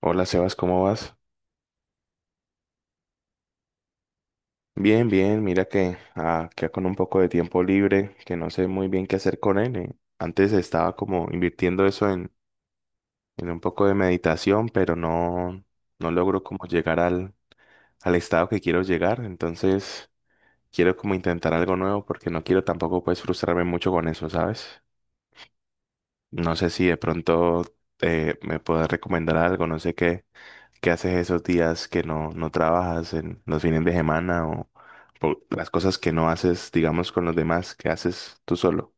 Hola Sebas, ¿cómo vas? Bien, bien, mira que acá con un poco de tiempo libre, que no sé muy bien qué hacer con él. Antes estaba como invirtiendo eso en un poco de meditación, pero no, no logro como llegar al, al estado que quiero llegar. Entonces quiero como intentar algo nuevo porque no quiero tampoco pues frustrarme mucho con eso, ¿sabes? No sé si de pronto me puedes recomendar algo, no sé qué. ¿Qué haces esos días que no trabajas en los fines de semana o por las cosas que no haces, digamos, con los demás, que haces tú solo?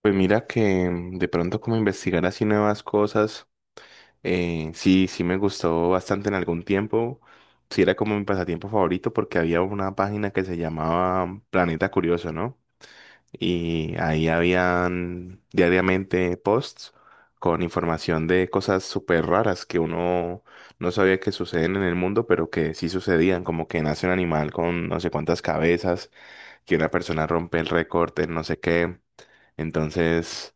Pues mira que mm, de pronto como investigar así nuevas cosas, sí, sí me gustó bastante en algún tiempo. Sí era como mi pasatiempo favorito porque había una página que se llamaba Planeta Curioso, ¿no? Y ahí habían diariamente posts con información de cosas súper raras que uno no sabía que suceden en el mundo, pero que sí sucedían, como que nace un animal con no sé cuántas cabezas, que una persona rompe el récord en no sé qué. Entonces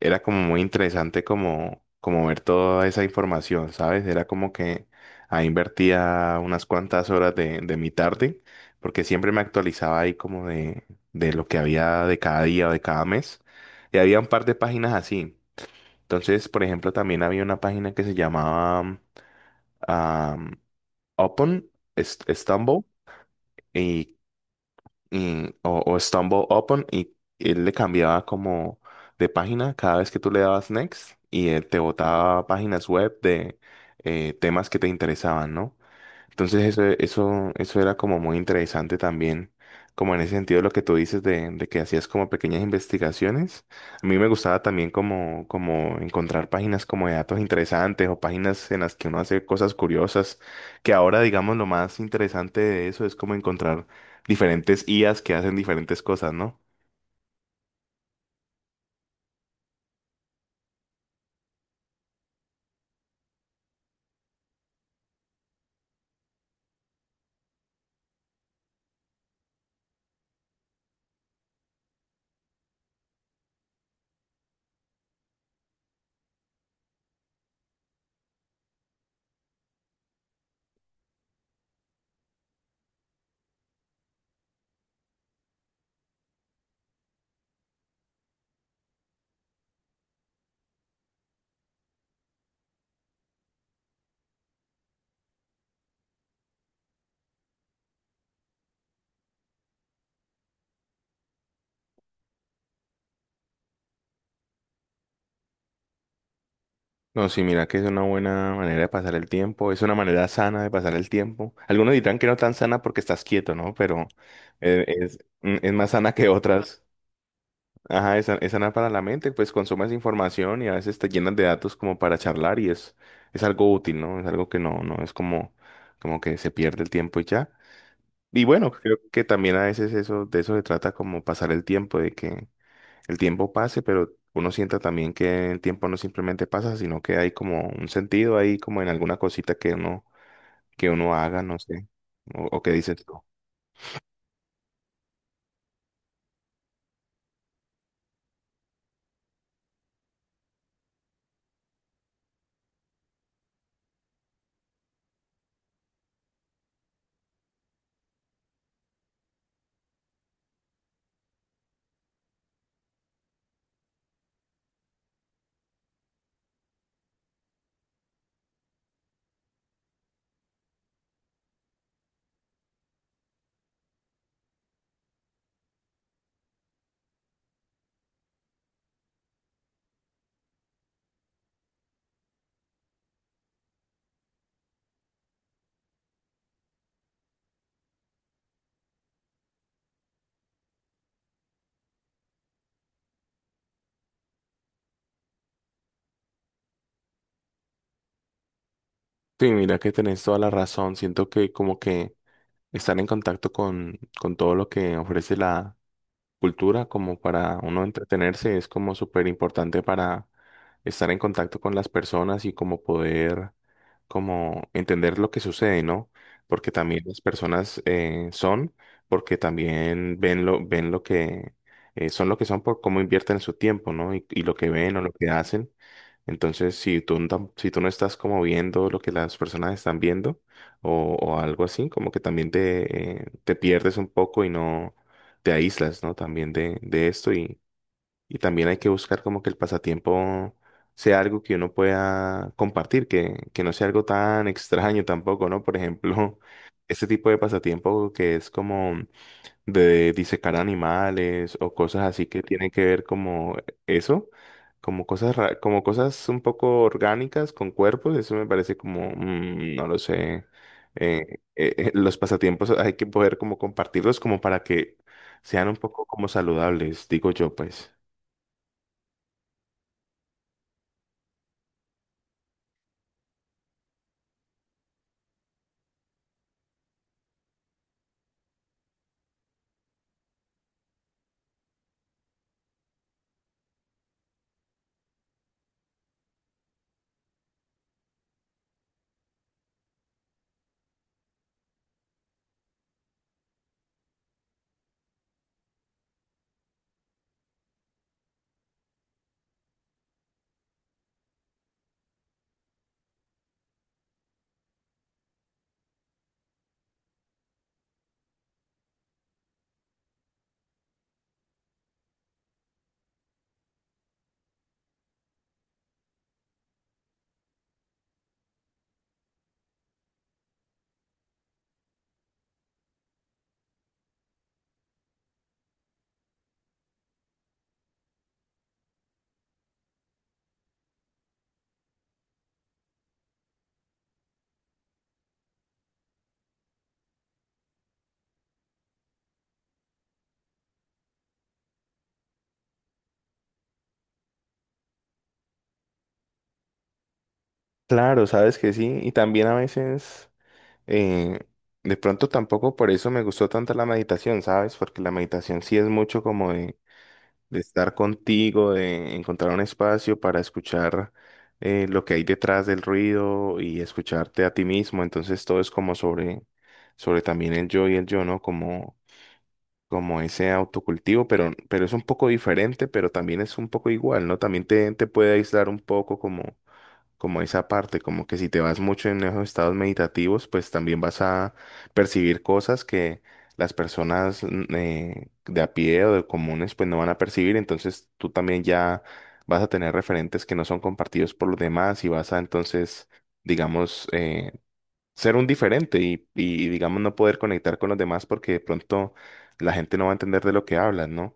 era como muy interesante como, como ver toda esa información, ¿sabes? Era como que ahí invertía unas cuantas horas de mi tarde, porque siempre me actualizaba ahí como de lo que había de cada día o de cada mes. Y había un par de páginas así. Entonces, por ejemplo, también había una página que se llamaba um, Upon Stumble. y o Stumble Upon, y él le cambiaba como de página cada vez que tú le dabas next y él te botaba páginas web de temas que te interesaban, ¿no? Entonces eso era como muy interesante también, como en ese sentido lo que tú dices de que hacías como pequeñas investigaciones. A mí me gustaba también como, como encontrar páginas como de datos interesantes o páginas en las que uno hace cosas curiosas, que ahora digamos lo más interesante de eso es como encontrar diferentes IAs que hacen diferentes cosas, ¿no? No, sí, mira que es una buena manera de pasar el tiempo, es una manera sana de pasar el tiempo. Algunos dirán que no tan sana porque estás quieto, ¿no? Pero es, es más sana que otras. Ajá, es, es sana para la mente, pues consumes información y a veces te llenas de datos como para charlar y es algo útil, ¿no? Es algo que no es como, como que se pierde el tiempo y ya. Y bueno, creo que también a veces eso, de eso se trata como pasar el tiempo, de que el tiempo pase, pero uno sienta también que el tiempo no simplemente pasa, sino que hay como un sentido ahí, como en alguna cosita que uno haga, no sé, o qué dices tú. Sí, mira que tenés toda la razón. Siento que como que estar en contacto con todo lo que ofrece la, cultura como para uno entretenerse es como súper importante para estar en contacto con las personas y como poder como entender lo que sucede, ¿no? Porque también las personas son, porque también ven lo que son lo que son por cómo invierten su tiempo, ¿no? Y lo que ven o lo que hacen. Entonces, si tú, si tú no estás como viendo lo que las personas están viendo o algo así, como que también te, te pierdes un poco y no te aíslas, ¿no? También de esto y también hay que buscar como que el pasatiempo sea algo que uno pueda compartir, que no sea algo tan extraño tampoco, ¿no? Por ejemplo, este tipo de pasatiempo que es como de disecar animales o cosas así que tienen que ver como eso, como cosas como cosas un poco orgánicas con cuerpos, eso me parece como, no lo sé, los pasatiempos hay que poder como compartirlos como para que sean un poco como saludables, digo yo pues. Claro, sabes que sí, y también a veces eh, de pronto tampoco por eso me gustó tanto la meditación, ¿sabes? Porque la meditación sí es mucho como de estar contigo, de encontrar un espacio para escuchar lo que hay detrás del ruido y escucharte a ti mismo. Entonces todo es como sobre, sobre también el yo y el yo, ¿no? Como, como ese autocultivo, pero es un poco diferente, pero también es un poco igual, ¿no? También te puede aislar un poco como como esa parte, como que si te vas mucho en esos estados meditativos, pues también vas a percibir cosas que las personas de a pie o de comunes pues no van a percibir, entonces tú también ya vas a tener referentes que no son compartidos por los demás y vas a entonces, digamos, ser un diferente y digamos no poder conectar con los demás porque de pronto la gente no va a entender de lo que hablas, ¿no?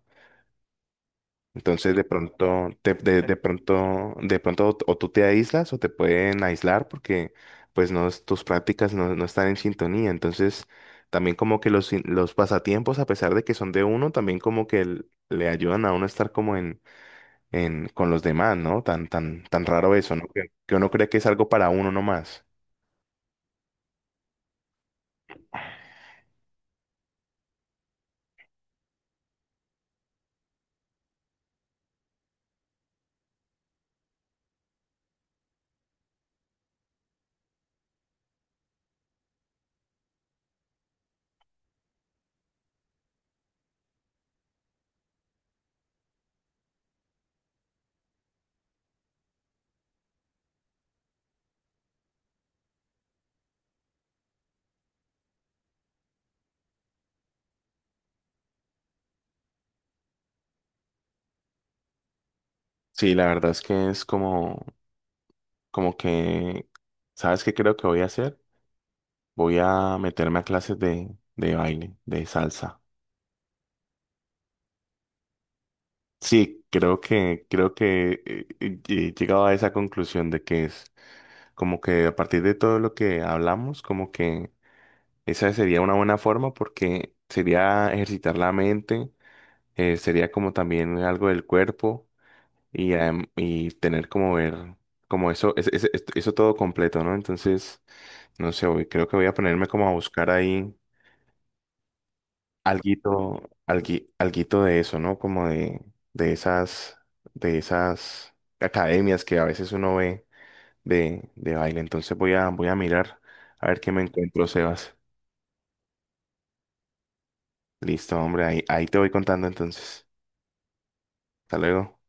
Entonces de pronto, de pronto, tú te aíslas o te pueden aislar porque pues no, tus prácticas no, no están en sintonía. Entonces también como que los, los pasatiempos, a pesar de que son de uno, también como que le ayudan a uno a estar como en, con los demás, ¿no? Tan raro eso, ¿no? Que uno cree que es algo para uno nomás. Sí, la verdad es que es como, como que, ¿sabes qué creo que voy a hacer? Voy a meterme a clases de baile, de salsa. Sí, creo que he llegado a esa conclusión de que es como que a partir de todo lo que hablamos, como que esa sería una buena forma porque sería ejercitar la mente, sería como también algo del cuerpo y, y tener como ver como eso, eso todo completo, ¿no? Entonces, no sé, creo que voy a ponerme como a buscar ahí alguito, alguito de eso, ¿no? Como de esas, de esas academias que a veces uno ve de baile. Entonces voy a, voy a mirar a ver qué me encuentro, Sebas. Listo, hombre, ahí, ahí te voy contando entonces. Hasta luego.